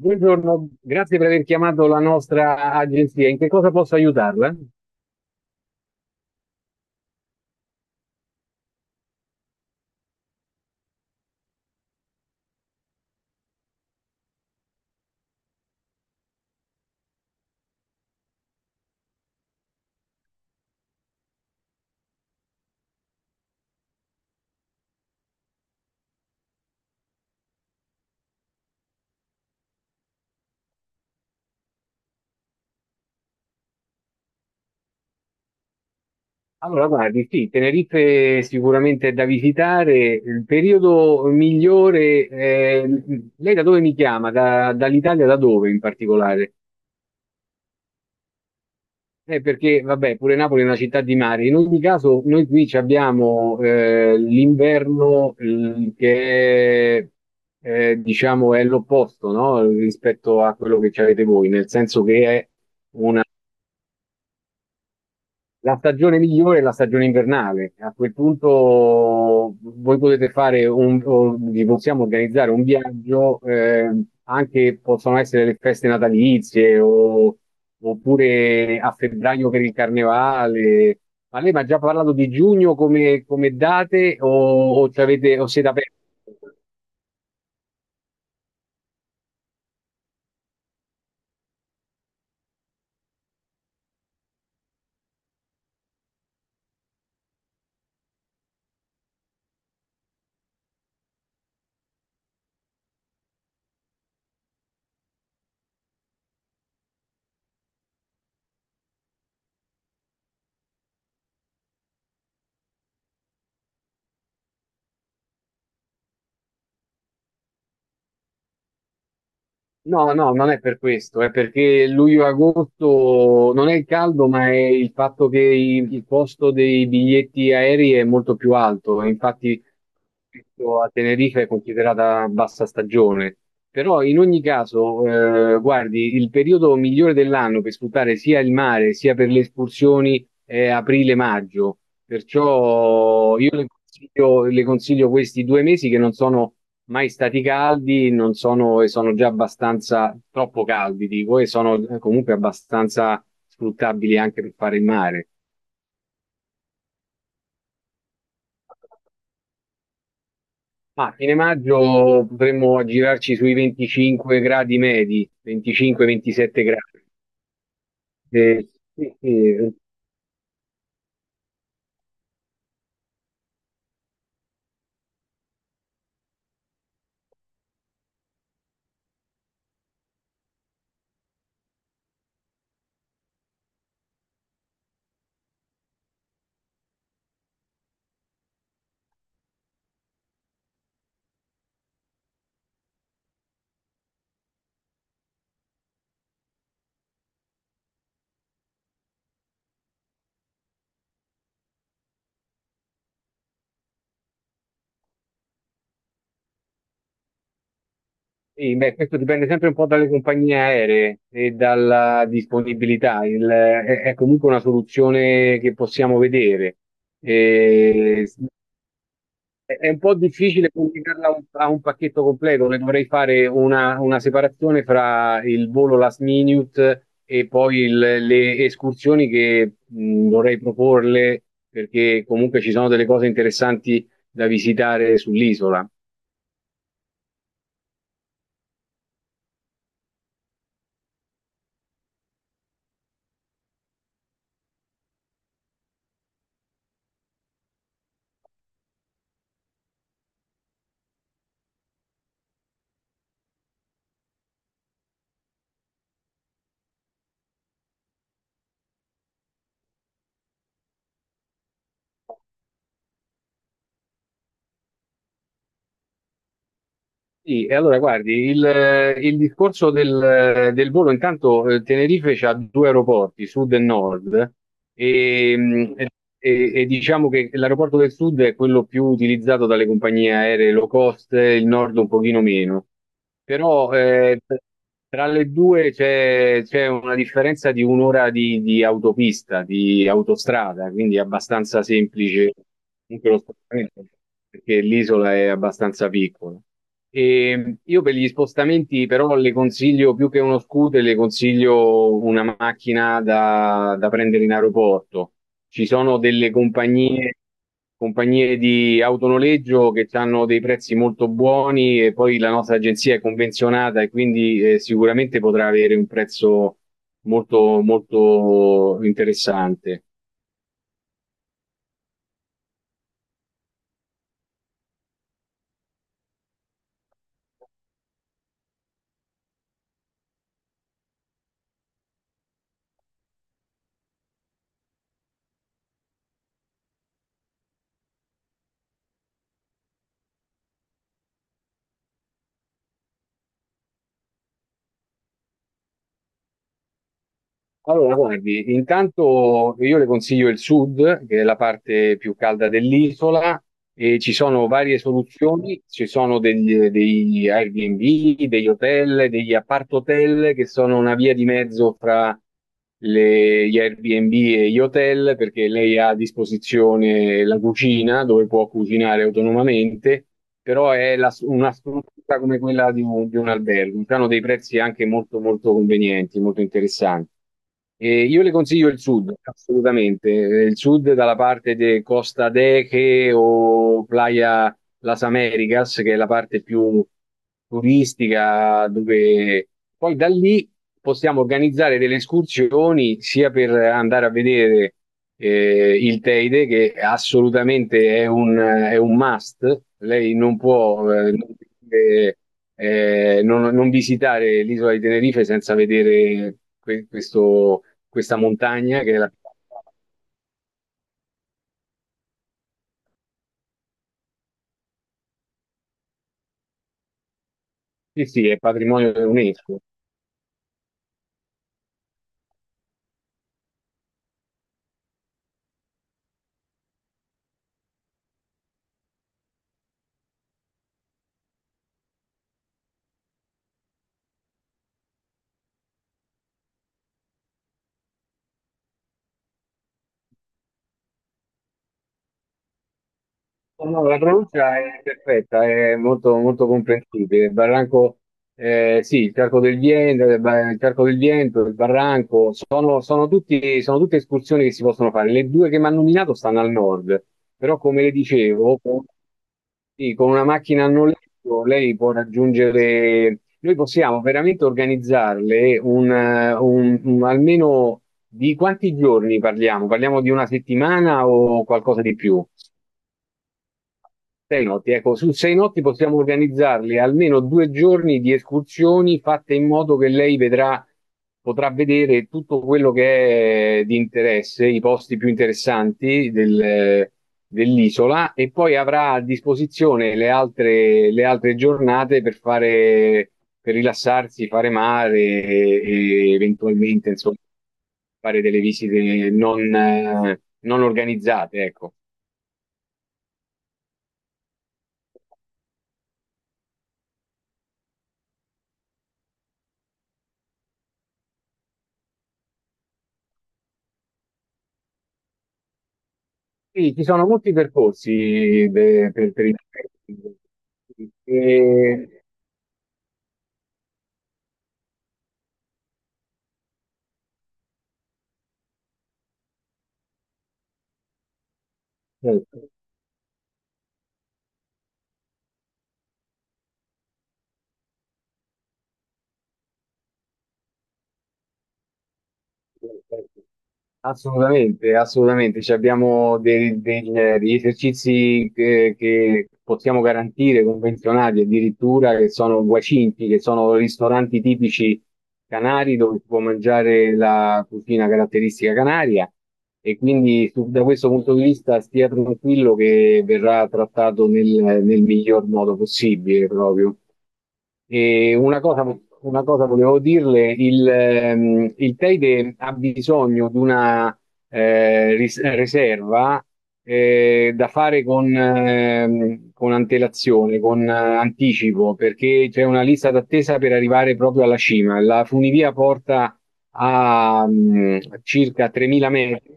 Buongiorno, grazie per aver chiamato la nostra agenzia. In che cosa posso aiutarla? Allora, guardi, sì, Tenerife sicuramente è da visitare. Il periodo migliore, lei da dove mi chiama? Dall'Italia, da dove in particolare? Perché, vabbè, pure Napoli è una città di mare. In ogni caso, noi qui ci abbiamo l'inverno che è diciamo, è l'opposto, no? Rispetto a quello che ci avete voi, nel senso che è. La stagione migliore è la stagione invernale. A quel punto voi potete o vi possiamo organizzare un viaggio, anche possono essere le feste natalizie oppure a febbraio per il carnevale. Ma lei mi ha già parlato di giugno come date o siete aperti? No, no, non è per questo, è perché luglio-agosto non è il caldo, ma è il fatto che il costo dei biglietti aerei è molto più alto. E infatti, questo a Tenerife è considerata bassa stagione. Però in ogni caso, guardi, il periodo migliore dell'anno per sfruttare sia il mare sia per le escursioni è aprile-maggio. Perciò io le consiglio questi 2 mesi che non sono mai stati caldi, non sono, e sono già abbastanza, troppo caldi, dico, e sono comunque abbastanza sfruttabili anche per fare il mare. Ma a fine maggio potremmo aggirarci sui 25 gradi medi, 25-27 gradi. Eh, sì, sì, sì, beh, questo dipende sempre un po' dalle compagnie aeree e dalla disponibilità. È comunque una soluzione che possiamo vedere. Eh, è un po' difficile collegarla a un pacchetto completo, le dovrei fare una separazione fra il volo last minute e poi le escursioni che dovrei proporle, perché comunque ci sono delle cose interessanti da visitare sull'isola. Sì, e allora guardi, il discorso del volo, intanto Tenerife ha due aeroporti, sud e nord, e, mh, e diciamo che l'aeroporto del sud è quello più utilizzato dalle compagnie aeree low cost, il nord un pochino meno, però tra le due c'è una differenza di un'ora di autopista, di autostrada, quindi è abbastanza semplice anche lo spostamento, perché l'isola è abbastanza piccola. E io per gli spostamenti però le consiglio più che uno scooter, le consiglio una macchina da prendere in aeroporto. Ci sono delle compagnie di autonoleggio che hanno dei prezzi molto buoni e poi la nostra agenzia è convenzionata e quindi sicuramente potrà avere un prezzo molto, molto interessante. Allora, guardi, intanto io le consiglio il sud, che è la parte più calda dell'isola, e ci sono varie soluzioni, ci sono degli Airbnb, degli hotel, degli appart-hotel, che sono una via di mezzo fra gli Airbnb e gli hotel, perché lei ha a disposizione la cucina, dove può cucinare autonomamente, però è una struttura come quella di un albergo, hanno dei prezzi anche molto, molto convenienti, molto interessanti. E io le consiglio il sud, assolutamente. Il sud dalla parte di Costa Deche o Playa Las Americas, che è la parte più turistica, dove poi da lì possiamo organizzare delle escursioni sia per andare a vedere il Teide, che assolutamente è un must. Lei non può non, vedere, non visitare l'isola di Tenerife senza vedere questa montagna che è la. Sì, sì, è patrimonio dell'UNESCO. No, no, la pronuncia è perfetta, è molto, molto comprensibile. Il barranco, sì, il Carco del Vento, il barranco, sono tutte escursioni che si possono fare. Le due che mi hanno nominato stanno al nord, però come le dicevo, sì, con una macchina a noleggio lei può raggiungere, noi possiamo veramente organizzarle almeno di quanti giorni parliamo? Parliamo di una settimana o qualcosa di più? 6 notti, ecco, su 6 notti possiamo organizzarle almeno 2 giorni di escursioni fatte in modo che lei vedrà, potrà vedere tutto quello che è di interesse, i posti più interessanti dell'isola e poi avrà a disposizione le altre, giornate per fare, per rilassarsi, fare mare e eventualmente, insomma, fare delle visite non organizzate, ecco. Sì, ci sono molti percorsi. De- per, per i- e- certo. Assolutamente, assolutamente. Ci abbiamo degli esercizi che possiamo garantire, convenzionati addirittura, che sono guacinti, che sono ristoranti tipici canari dove si può mangiare la cucina caratteristica canaria. E quindi da questo punto di vista stia tranquillo che verrà trattato nel miglior modo possibile proprio. E una cosa volevo dirle, il Teide ha bisogno di una riserva da fare con antelazione, con anticipo, perché c'è una lista d'attesa per arrivare proprio alla cima. La funivia porta a circa 3.000 metri.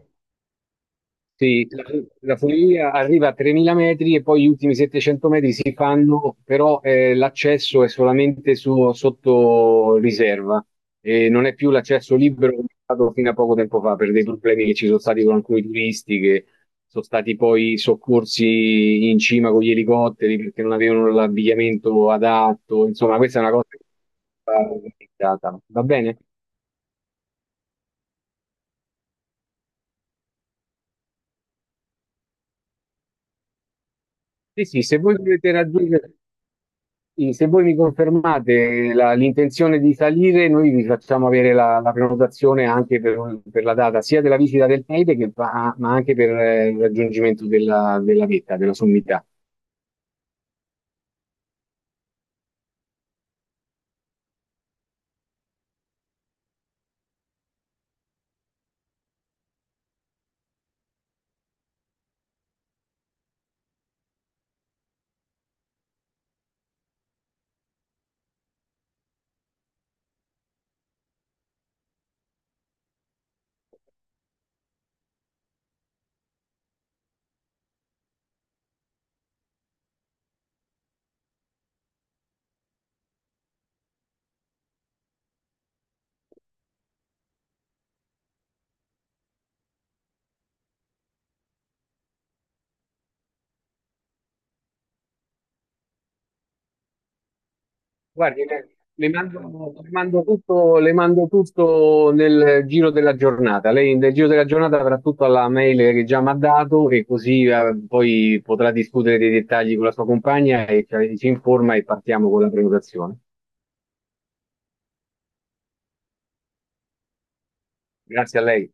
Sì, la funivia arriva a 3.000 metri e poi gli ultimi 700 metri si fanno, però l'accesso è solamente sotto riserva e non è più l'accesso libero come è stato fino a poco tempo fa per dei problemi che ci sono stati con alcuni turisti che sono stati poi soccorsi in cima con gli elicotteri perché non avevano l'abbigliamento adatto. Insomma, questa è una cosa che va organizzata. Va bene? Sì, sì, se voi volete raggiungere. Sì, se voi mi confermate l'intenzione di salire, noi vi facciamo avere la prenotazione anche per la data sia della visita del Teide, ma anche per il raggiungimento della vetta, della sommità. Guardi, le mando tutto nel giro della giornata. Lei nel giro della giornata avrà tutto alla mail che già mi ha dato e così poi potrà discutere dei dettagli con la sua compagna e ci informa e partiamo con la prenotazione. Grazie a lei.